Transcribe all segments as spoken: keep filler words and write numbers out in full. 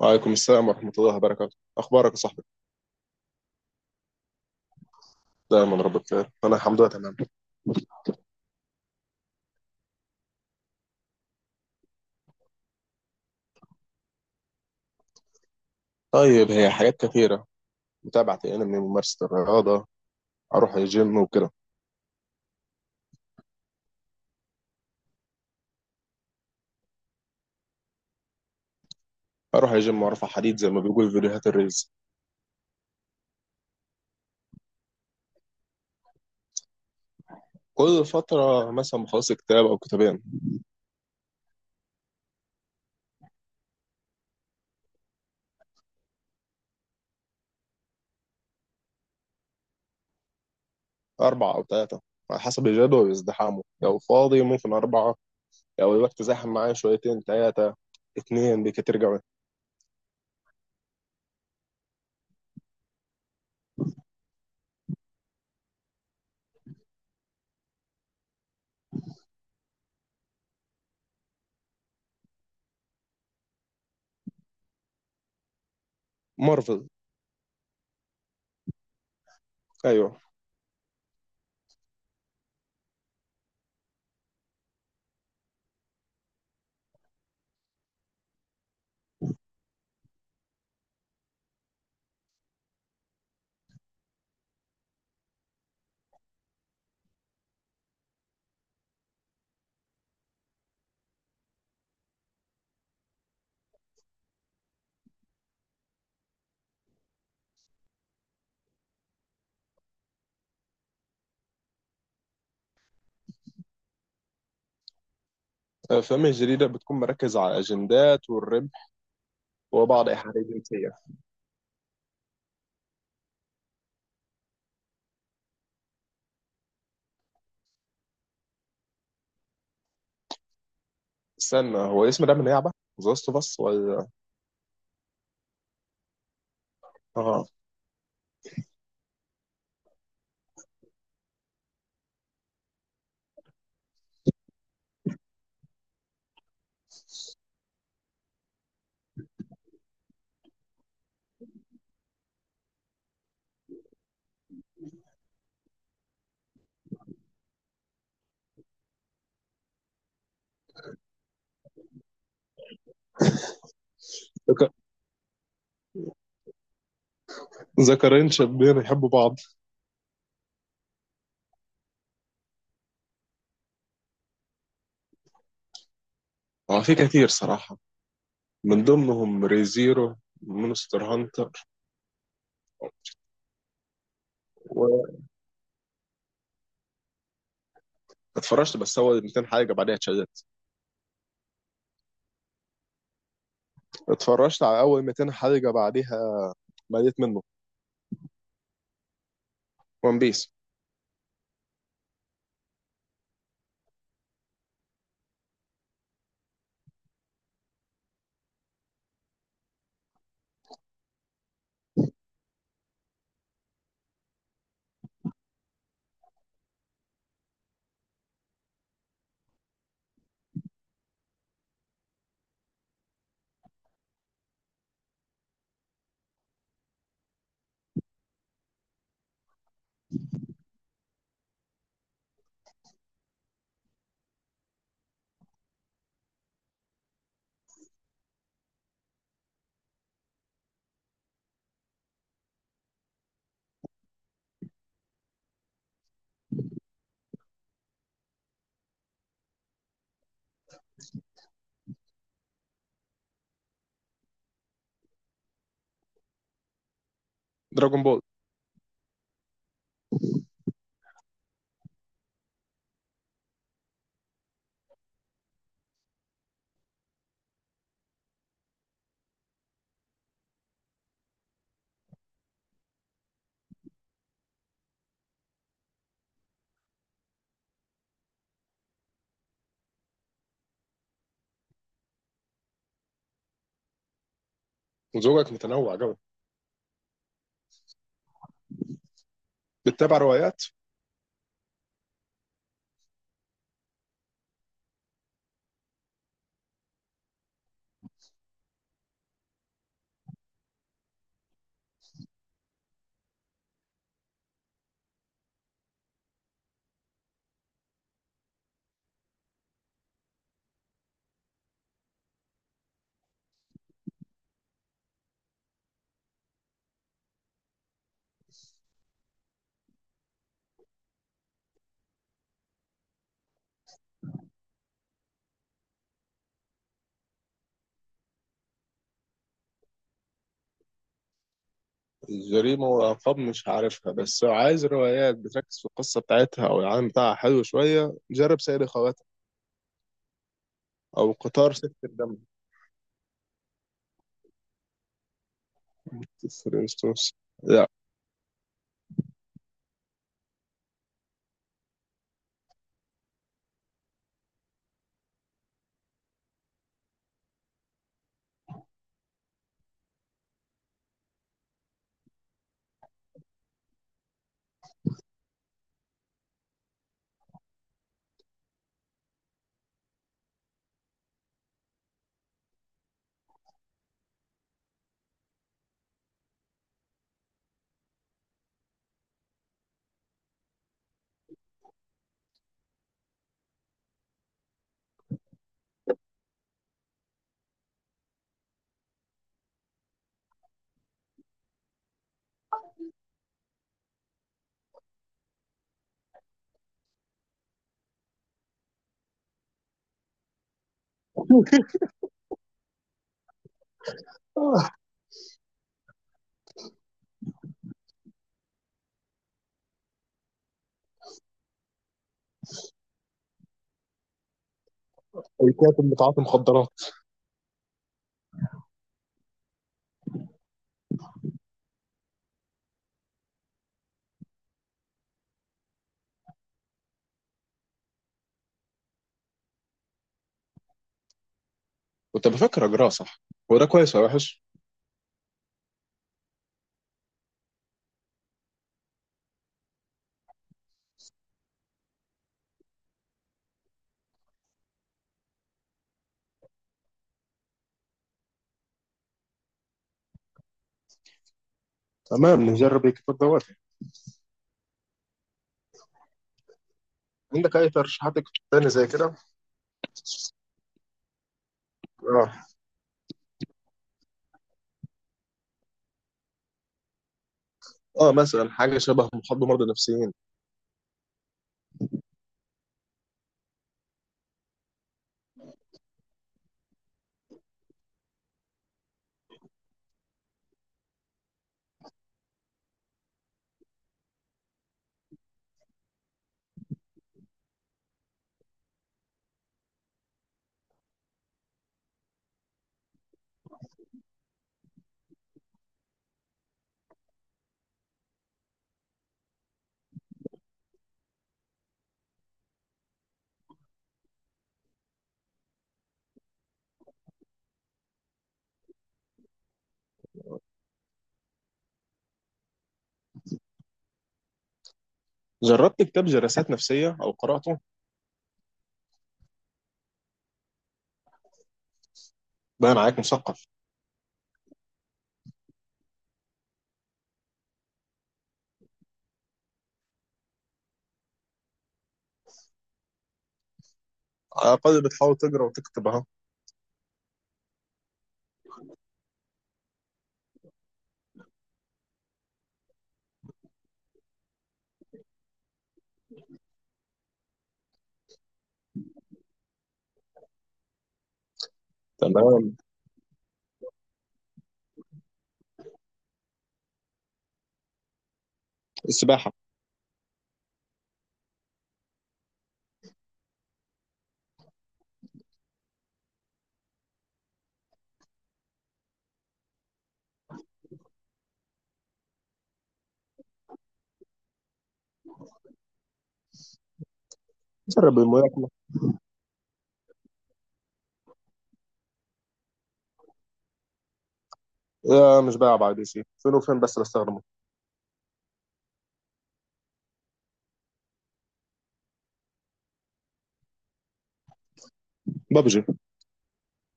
وعليكم السلام ورحمة الله وبركاته، أخبارك يا صاحبي؟ دايما رب بخير، أنا الحمد لله تمام. طيب هي حاجات كثيرة: متابعة أنمي، ممارسة الرياضة، أروح الجيم وكده. أروح الجيم وأرفع حديد زي ما بيقول في فيديوهات الريلز. كل فترة مثلا بخلص كتاب أو كتابين. أربعة أو ثلاثة على حسب الجدول وازدحامه، لو فاضي ممكن أربعة، لو الوقت زاحم معايا شويتين ثلاثة، اتنين بكتير جوي. مارفل. أيوه. الأفلام الجديدة بتكون مركزة على الأجندات والربح وبعض إيحاءات الجنسية. استنى، هو اسم ده من لعبة ذا لاست اوف اس ولا؟ اه. ذك- ذكرين شابين يحبوا بعض. هو في كتير صراحة، من ضمنهم ريزيرو، مونستر هانتر. واتفرجت بس اول مئتين حلقة بعدها اتشددت. اتفرجت على اول مئتين حلقة بعدها مليت منه. ون بيس. دراجون بول. ذوقك متنوع قوي، بتتابع روايات؟ الجريمة والألقاب مش عارفها، بس لو عايز روايات بتركز في القصة بتاعتها أو العالم بتاعها حلو شوية جرب سيد خواتم، أو قطار ست الدم. فور انستنس. لا. آه، الكاتب بتاع المخدرات. كنت بفكر اجراه صح. هو ده كويس ولا وحش؟ تمام، نجرب الكتاب دوت. عندك اي ترشيحات كتب تاني زي كده؟ اه. اه مثلا حاجه شبه محاضره مرضى نفسيين. جربت كتاب جلسات نفسيه او قراته؟ بقى معاك مثقف. على الاقل بتحاول تقرا وتكتب اهو. تمام. السباحه. جرب الملاكمه. آه مش بقى، بعد شيء فين وفين، بس بستخدمه. ببجي،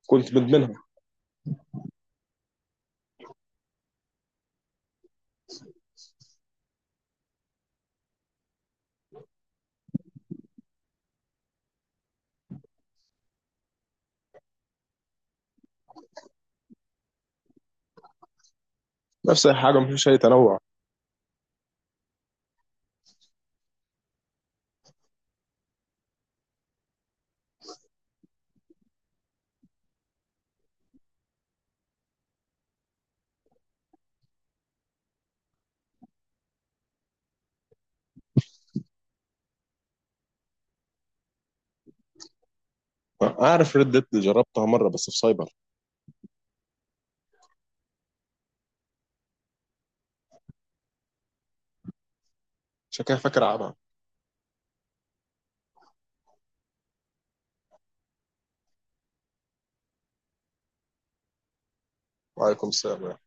كنت مدمنها. نفس الحاجه، مفيش اي تنوع. اعرف ريد ديد، جربتها مره بس في سايبر. عشان كده فاكر العبها. وعليكم السلام.